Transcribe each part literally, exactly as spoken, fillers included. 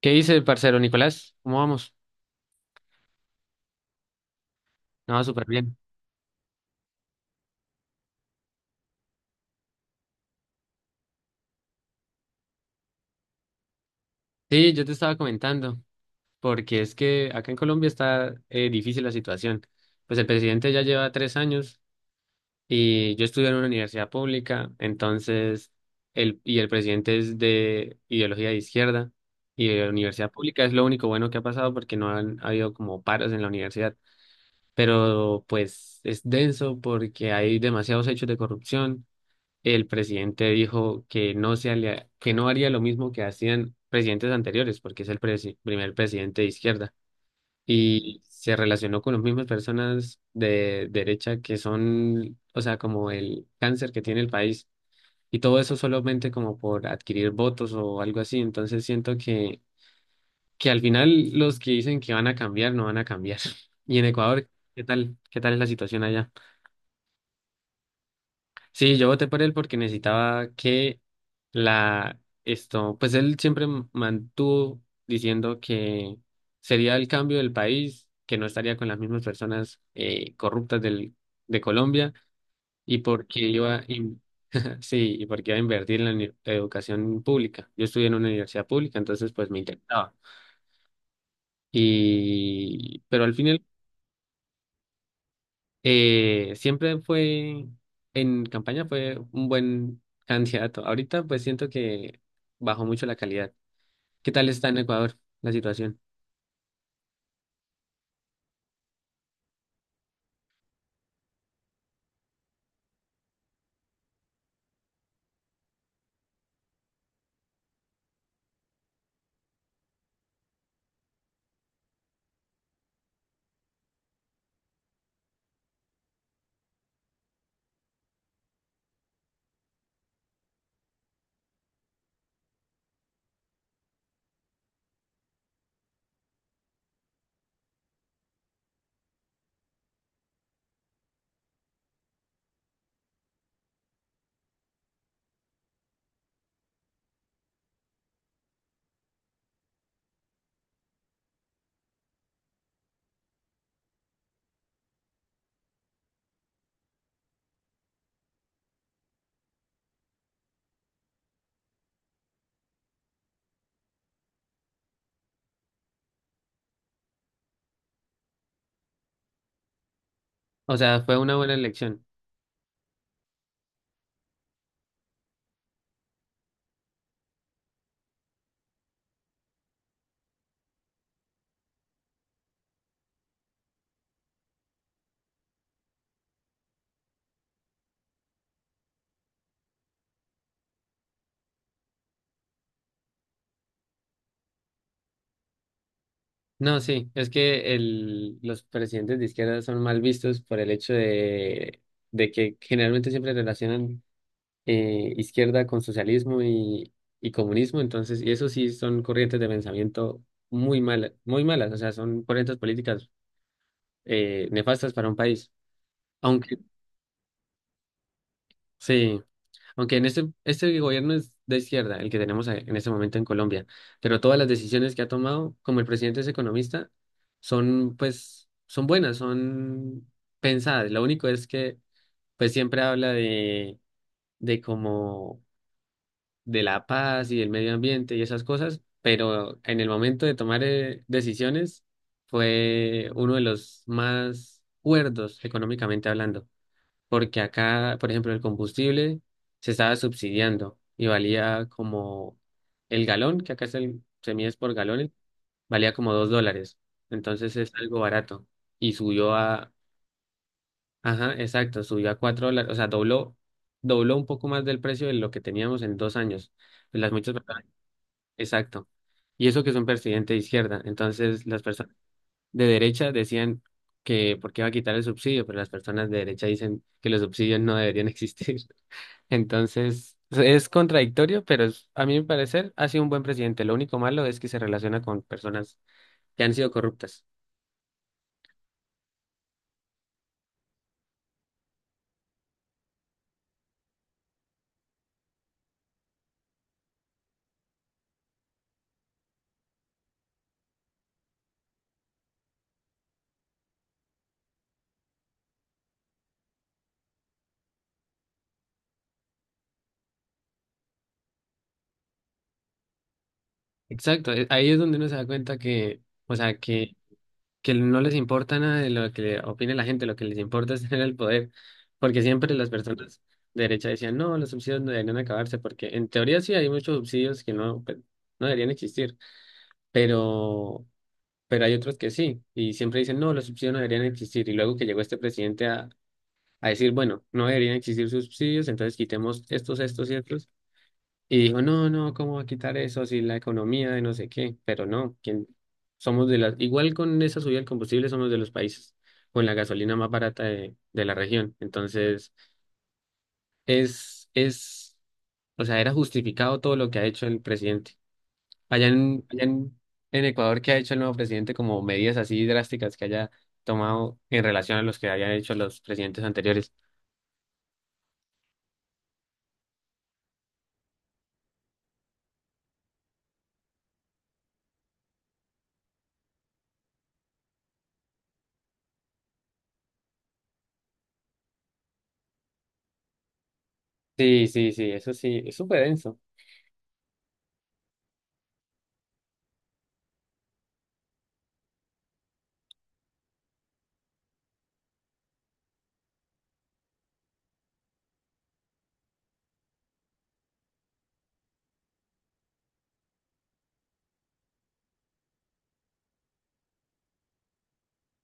¿Qué dice el parcero Nicolás? ¿Cómo vamos? No, súper bien. Sí, yo te estaba comentando, porque es que acá en Colombia está eh, difícil la situación. Pues el presidente ya lleva tres años y yo estudié en una universidad pública, entonces, el, y el presidente es de ideología de izquierda y de la universidad pública es lo único bueno que ha pasado porque no han habido como paros en la universidad, pero pues es denso porque hay demasiados hechos de corrupción. El presidente dijo que no se alia- que no haría lo mismo que hacían presidentes anteriores, porque es el presi- primer presidente de izquierda. Y se relacionó con las mismas personas de derecha que son, o sea, como el cáncer que tiene el país. Y todo eso solamente como por adquirir votos o algo así. Entonces siento que, que al final los que dicen que van a cambiar no van a cambiar. Y en Ecuador, ¿qué tal? ¿Qué tal es la situación allá? Sí, yo voté por él porque necesitaba que la esto, pues él siempre m- mantuvo diciendo que sería el cambio del país, que no estaría con las mismas personas eh, corruptas del, de Colombia y porque iba a in- sí, y porque iba a invertir en la uni- educación pública. Yo estudié en una universidad pública, entonces pues me intentaba. Y pero al final Eh, siempre fue, en campaña fue un buen candidato. Ahorita pues siento que bajó mucho la calidad. ¿Qué tal está en Ecuador la situación? O sea, fue una buena elección. No, sí, es que el, los presidentes de izquierda son mal vistos por el hecho de, de que generalmente siempre relacionan eh, izquierda con socialismo y, y comunismo, entonces, y eso sí son corrientes de pensamiento muy malas, muy malas, o sea, son corrientes políticas eh, nefastas para un país. Aunque, sí, aunque en este, este gobierno es de izquierda, el que tenemos a- en este momento en Colombia, pero todas las decisiones que ha tomado, como el presidente es economista, son pues, son buenas, son pensadas. Lo único es que pues siempre habla de, de como de la paz y del medio ambiente y esas cosas, pero en el momento de tomar eh, decisiones fue uno de los más cuerdos económicamente hablando. Porque acá, por ejemplo, el combustible se estaba subsidiando y valía como el galón, que acá es el, se mide es por galones, valía como dos dólares. Entonces es algo barato. Y subió a, ajá, exacto, subió a cuatro dólares, o sea, dobló, dobló un poco más del precio de lo que teníamos en dos años. Las muchas personas- exacto. Y eso que es un presidente de izquierda. Entonces las personas de derecha decían que por qué va a quitar el subsidio, pero las personas de derecha dicen que los subsidios no deberían existir. Entonces, es contradictorio, pero es- a mi parecer ha sido un buen presidente. Lo único malo es que se relaciona con personas que han sido corruptas. Exacto, eh, ahí es donde uno se da cuenta que, o sea, que, que no les importa nada de lo que opine la gente, lo que les importa es tener el poder, porque siempre las personas de derecha decían, no, los subsidios no deberían acabarse, porque en teoría sí hay muchos subsidios que no, pues, no deberían existir, pero, pero hay otros que sí, y siempre dicen, no, los subsidios no deberían existir, y luego que llegó este presidente a, a decir, bueno, no deberían existir subsidios, entonces quitemos estos, estos y otros, y dijo, no, no, ¿cómo va a quitar eso si la economía de no sé qué? Pero no, quién somos de las, igual con esa subida del combustible somos de los países con la gasolina más barata de, de la región, entonces es, es, o sea, era justificado todo lo que ha hecho el presidente. Allá en, allá en, en Ecuador, ¿qué ha hecho el nuevo presidente como medidas así drásticas que haya tomado en relación a los que habían hecho los presidentes anteriores? Sí, sí, sí, eso sí, es súper denso.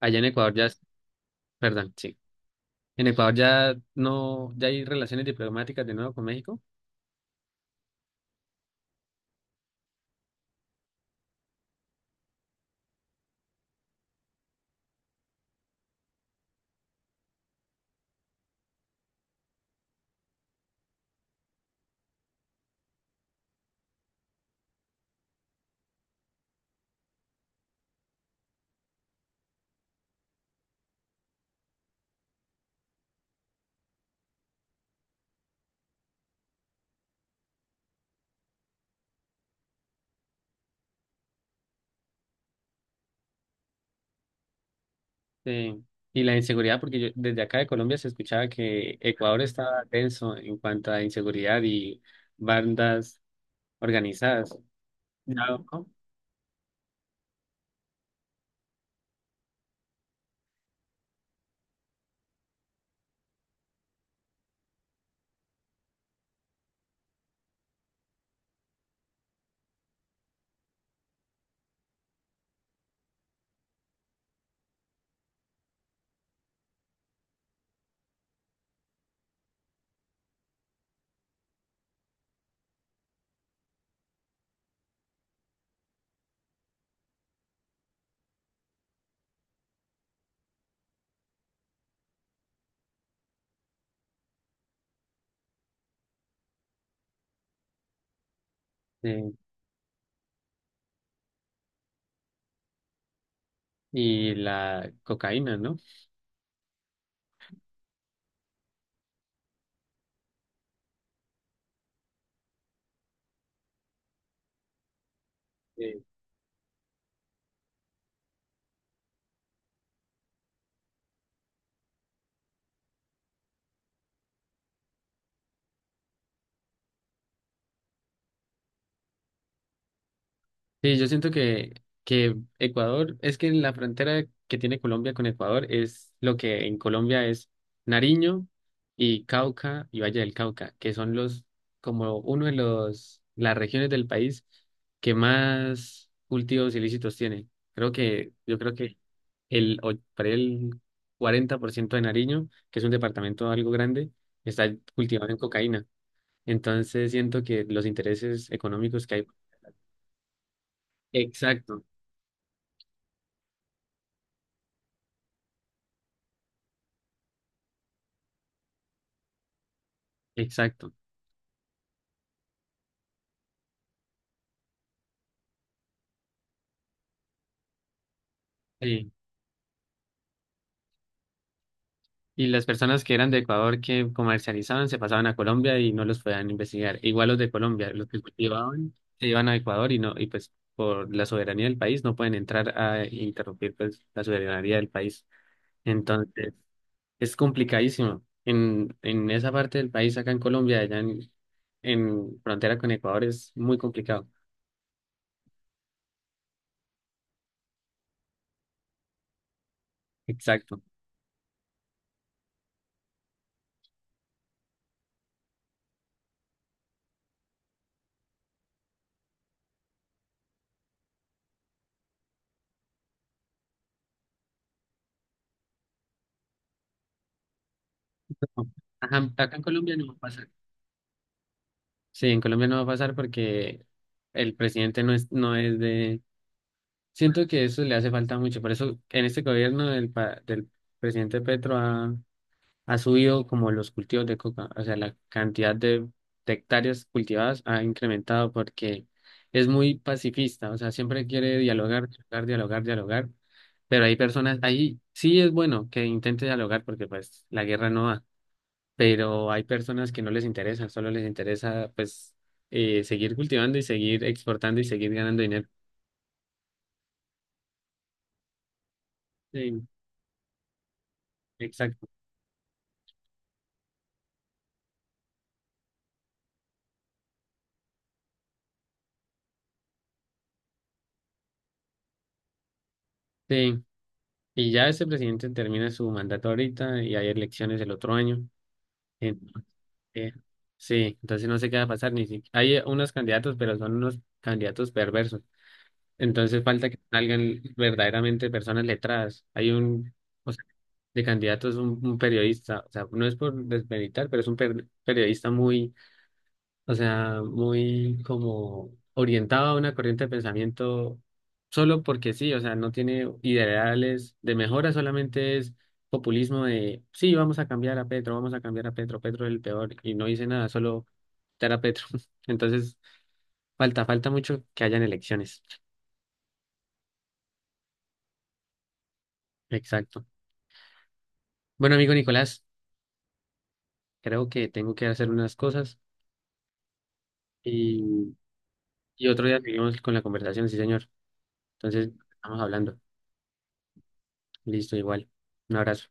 Allá en Ecuador ya, es- perdón, sí. En Ecuador ya no, ya hay relaciones diplomáticas de nuevo con México. Sí. Y la inseguridad, porque yo, desde acá de Colombia se escuchaba que Ecuador estaba denso en cuanto a inseguridad y bandas organizadas. Ya, ¿no? Sí. Y la cocaína, ¿no? Eh, sí, yo siento que, que Ecuador, es que la frontera que tiene Colombia con Ecuador es lo que en Colombia es Nariño y Cauca y Valle del Cauca, que son los, como uno de los, las regiones del país que más cultivos ilícitos tiene. Creo que, yo creo que el, o- para el cuarenta por ciento de Nariño, que es un departamento algo grande, está cultivado en cocaína. Entonces siento que los intereses económicos que hay. Exacto. Exacto. Sí. Y las personas que eran de Ecuador que comercializaban se pasaban a Colombia y no los podían investigar. Igual los de Colombia, los que cultivaban, se iban a Ecuador y no, y pues por la soberanía del país no pueden entrar a interrumpir pues la soberanía del país. Entonces, es complicadísimo. En, en esa parte del país, acá en Colombia, allá en, en frontera con Ecuador, es muy complicado. Exacto. Ajá, acá en Colombia no va a pasar. Sí, en Colombia no va a pasar porque el presidente no es, no es de. Siento que eso le hace falta mucho. Por eso en este gobierno del, pa- del presidente Petro ha, ha subido como los cultivos de coca. O sea, la cantidad de, de hectáreas cultivadas ha incrementado porque es muy pacifista. O sea, siempre quiere dialogar, dialogar, dialogar, dialogar. Pero hay personas, ahí sí es bueno que intente dialogar porque pues la guerra no va. Pero hay personas que no les interesa, solo les interesa pues eh, seguir cultivando y seguir exportando y seguir ganando dinero. Sí, exacto. Sí. Y ya este presidente termina su mandato ahorita y hay elecciones el otro año. Entonces, sí, entonces no sé qué va a pasar. Ni si, hay unos candidatos, pero son unos candidatos perversos. Entonces falta que salgan verdaderamente personas letradas. Hay un, o sea, de candidatos, un, un periodista, o sea, no es por desmeritar, pero es un per- periodista muy o sea, muy como orientado a una corriente de pensamiento solo porque sí, o sea, no tiene ideales de mejora, solamente es populismo de, sí, vamos a cambiar a Petro, vamos a cambiar a Petro, Petro es el peor y no dice nada, solo dar a Petro. Entonces, falta, falta mucho que hayan elecciones. Exacto. Bueno, amigo Nicolás, creo que tengo que hacer unas cosas y, y otro día seguimos con la conversación, sí, señor. Entonces, estamos hablando. Listo, igual. Un abrazo.